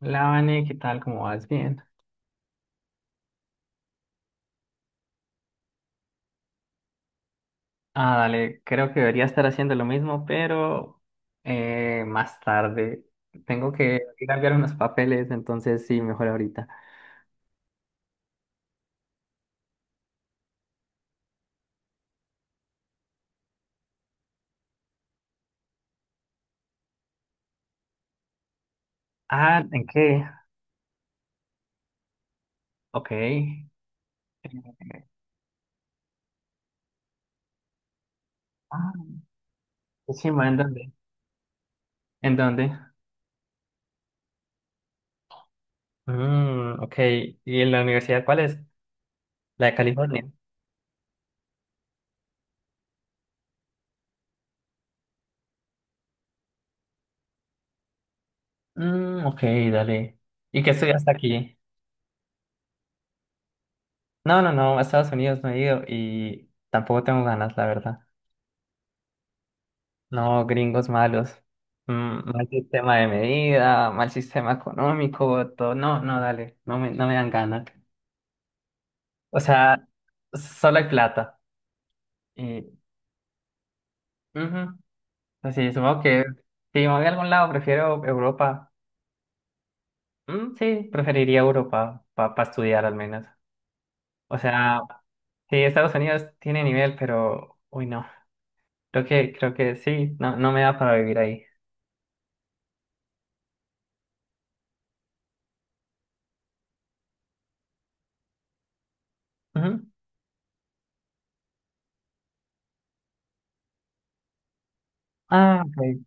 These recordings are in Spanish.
Hola, Vane, ¿qué tal? ¿Cómo vas? Bien. Ah, dale, creo que debería estar haciendo lo mismo, pero más tarde. Tengo que ir a enviar unos papeles, entonces sí, mejor ahorita. Ah, ¿en qué? Ok. Ah, qué chimba, ¿en dónde? ¿En dónde? Mm, ok. ¿Y en la universidad cuál es? La de California. Mm, ok, dale. ¿Y qué estudiaste aquí? No, no, no, a Estados Unidos no he ido y tampoco tengo ganas, la verdad. No, gringos malos. Mm, mal sistema de medida, mal sistema económico, todo. No, no, dale, no me dan ganas. O sea, solo hay plata. Y, ujú, así sí, supongo que si me voy a algún lado, prefiero Europa. Mm, sí, preferiría Europa para estudiar al menos. O sea, sí, Estados Unidos tiene nivel, pero, uy, no. Creo que sí, no, no me da para vivir ahí. Ujú. Ah, ok.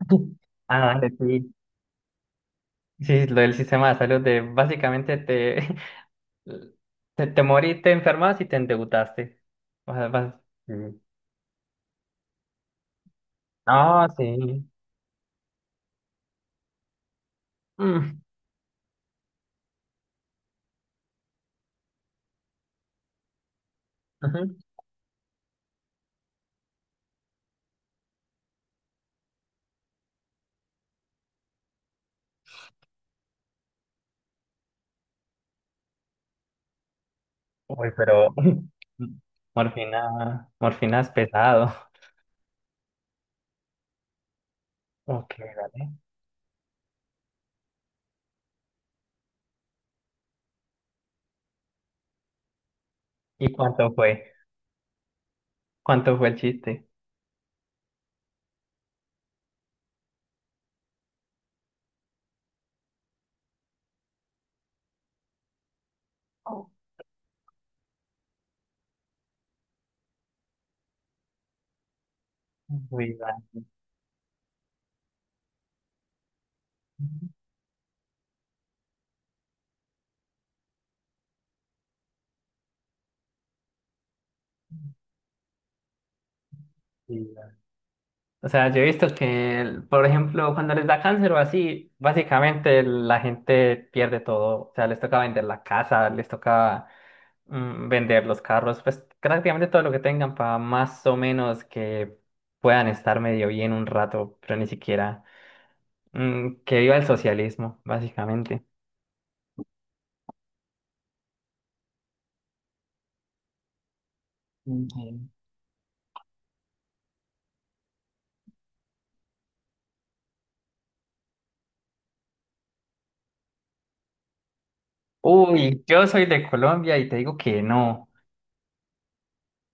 Ah, dale, sí. Sí, lo del sistema de salud de te morís, te enfermas y te endeudaste. O sea, vas- Sí. Ah, sí. Mm, ujú. Uy, pero morfina es pesado. Ok. ¿Y cuánto fue? ¿Cuánto fue el chiste? Oh. Uy, va. Sí, va. O sea, yo he visto que, el- por ejemplo, cuando les da cáncer o así, básicamente la gente pierde todo. O sea, les toca vender la casa, les toca vender los carros, pues prácticamente todo lo que tengan para más o menos que puedan estar medio bien un rato, pero ni siquiera que viva el socialismo, básicamente. Ujú. Uy, yo soy de Colombia y te digo que no.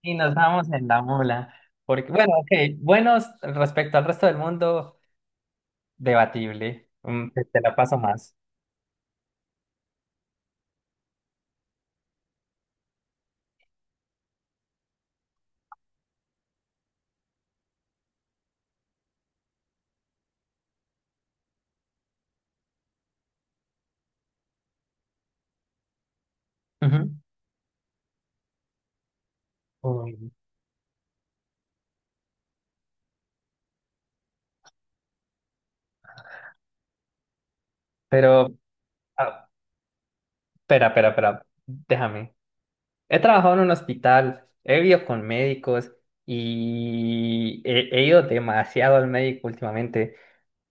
Y nos vamos en la mula. Porque, bueno, ok, buenos respecto al resto del mundo, debatible. Mm, te la paso más. Ujú. Uy, pero, ah, espera. Déjame. He trabajado en un hospital, he vivido con médicos y he ido demasiado al médico últimamente.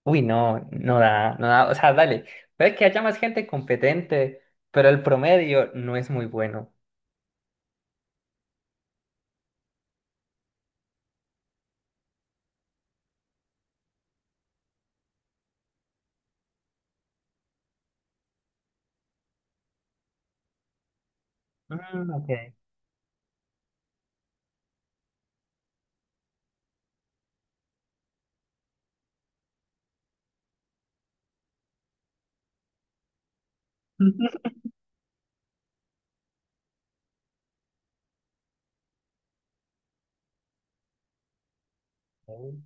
Uy, no da, no da, o sea, dale, puede que haya más gente competente, pero el promedio no es muy bueno. Mm, ok. Ok.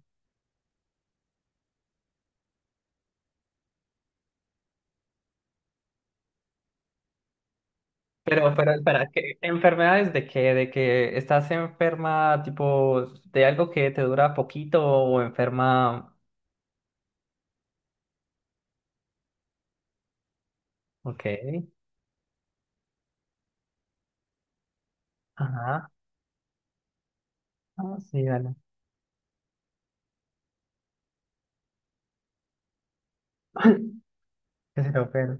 Espera, ¿qué enfermedades de qué? ¿De que estás enferma, tipo, de algo que te dura poquito o enferma? Ok. Ajá. Ah, sí, dale. Que se te opere.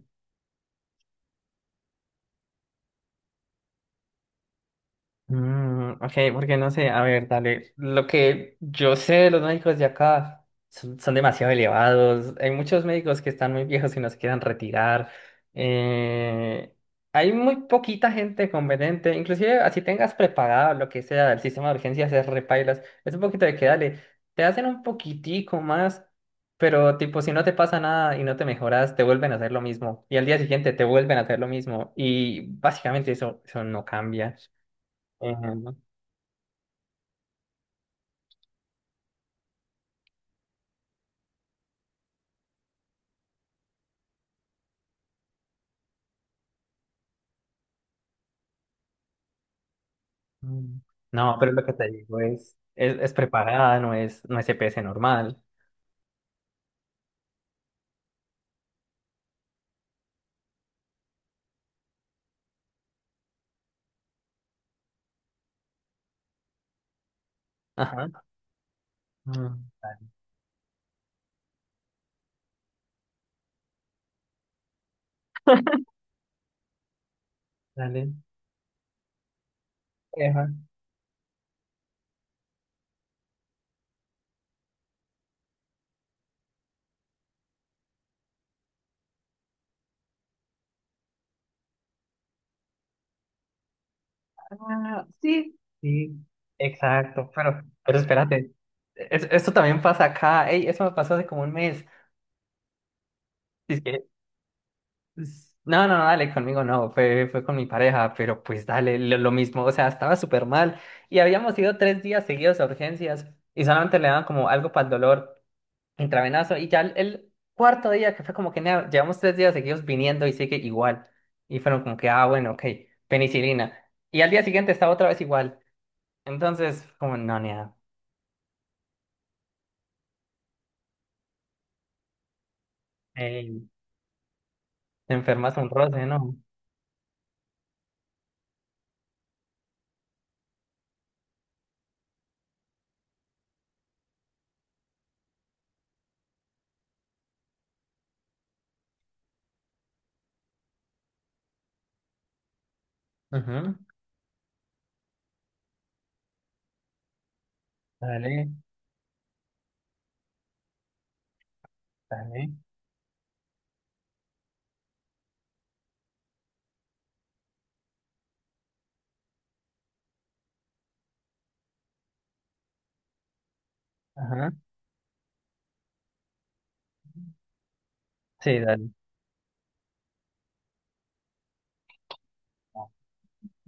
Mm, ok, porque no sé, a ver, dale. Lo que yo sé de los médicos de acá son, son demasiado elevados. Hay muchos médicos que están muy viejos y no se quieren retirar. Eh, hay muy poquita gente competente. Inclusive, así tengas prepagado lo que sea del sistema de urgencias, es repailas. Es un poquito de que dale. Te hacen un poquitico más, pero tipo, si no te pasa nada y no te mejoras, te vuelven a hacer lo mismo. Y al día siguiente te vuelven a hacer lo mismo. Y básicamente eso, eso no cambia. Eh, mm, no, pero lo que te digo es, es preparada, no es, no es EPS normal. Ajá. Mm, dale. Eva. Ah, sí, sí, exacto. Pero espérate. Es- esto también pasa acá. Ey, eso me pasó hace como un mes. Dice que, s- no, no, no, dale, conmigo no. Fue con mi pareja, pero pues dale, lo mismo. O sea, estaba súper mal. Y habíamos ido tres días seguidos a urgencias y solamente le daban como algo para el dolor. Intravenoso. Y ya el cuarto día, que fue como que nea, llevamos tres días seguidos viniendo y sigue igual. Y fueron como que, ah, bueno, ok, penicilina. Y al día siguiente estaba otra vez igual. Entonces, como, no, nea, ey, te enfermas un roce, ¿no? Ujú, dale, dale. Ajá. Sí, dale.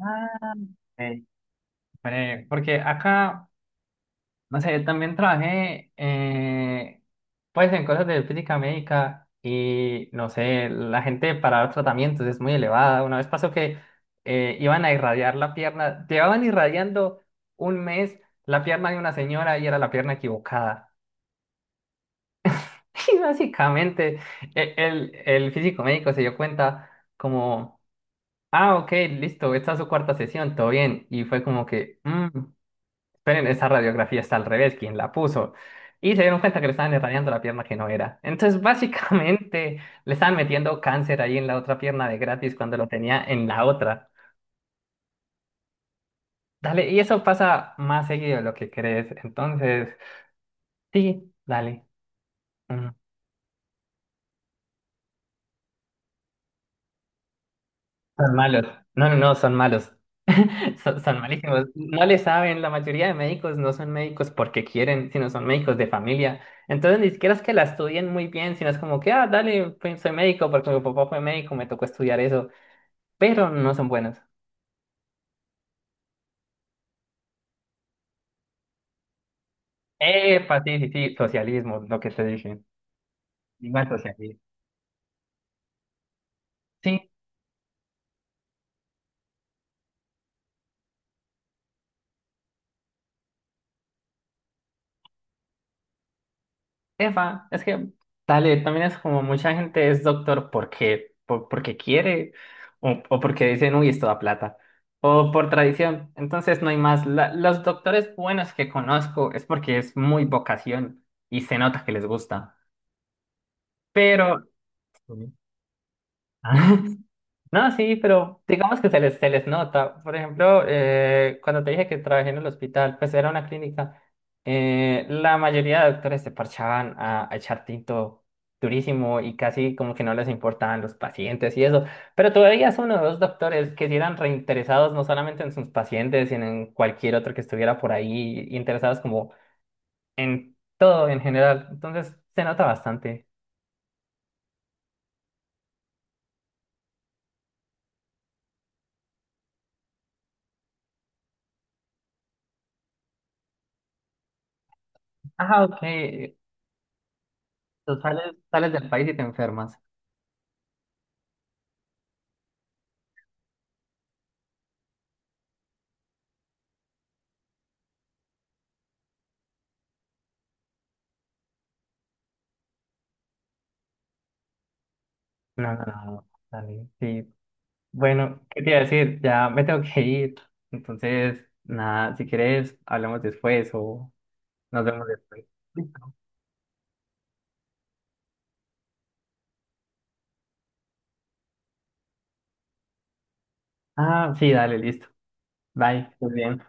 Ah, ey, hombre, porque acá. No sé, también trabajé pues en cosas de física médica y no sé, la gente para los tratamientos es muy elevada. Una vez pasó que iban a irradiar la pierna, llevaban irradiando un mes la pierna de una señora y era la pierna equivocada. Y básicamente el físico médico se dio cuenta como, ah, ok, listo, esta es su cuarta sesión, todo bien. Y fue como que, "Mm". Pero esa radiografía está al revés, quien la puso. Y se dieron cuenta que le estaban irradiando la pierna que no era. Entonces, básicamente, le estaban metiendo cáncer ahí en la otra pierna de gratis cuando lo tenía en la otra. Dale, y eso pasa más seguido de lo que crees. Entonces, sí, dale. Mm, son malos. No, no, no, son malos. Son malísimos. No le saben, la mayoría de médicos no son médicos porque quieren, sino son médicos de familia. Entonces ni siquiera es que la estudien muy bien, sino es como que, ah, dale, pues, soy médico porque mi papá fue médico, me tocó estudiar eso, pero no son buenos. Epa, sí, sí, sí, socialismo, lo que te dije. Igual socialismo. Sí, epa, es que, dale, también es como mucha gente es doctor porque, por- porque quiere o porque dicen, uy, esto da plata, o por tradición. Entonces no hay más. La- los doctores buenos que conozco es porque es muy vocación y se nota que les gusta. Pero, mm. No, sí, pero digamos que se les nota. Por ejemplo, cuando te dije que trabajé en el hospital, pues era una clínica. La mayoría de doctores se parchaban a echar tinto durísimo y casi como que no les importaban los pacientes y eso. Pero todavía son uno o dos doctores que sí eran reinteresados no solamente en sus pacientes, sino en cualquier otro que estuviera por ahí, interesados como en todo en general. Entonces se nota bastante. Ajá, ok. Sales del país y te enfermas. No, no, no, dale, sí. Bueno, ¿qué te iba a decir? Ya me tengo que ir. Entonces, nada, si quieres, hablamos después o nos vemos después. Listo. Ah, sí, dale, listo. Bye, pues bien.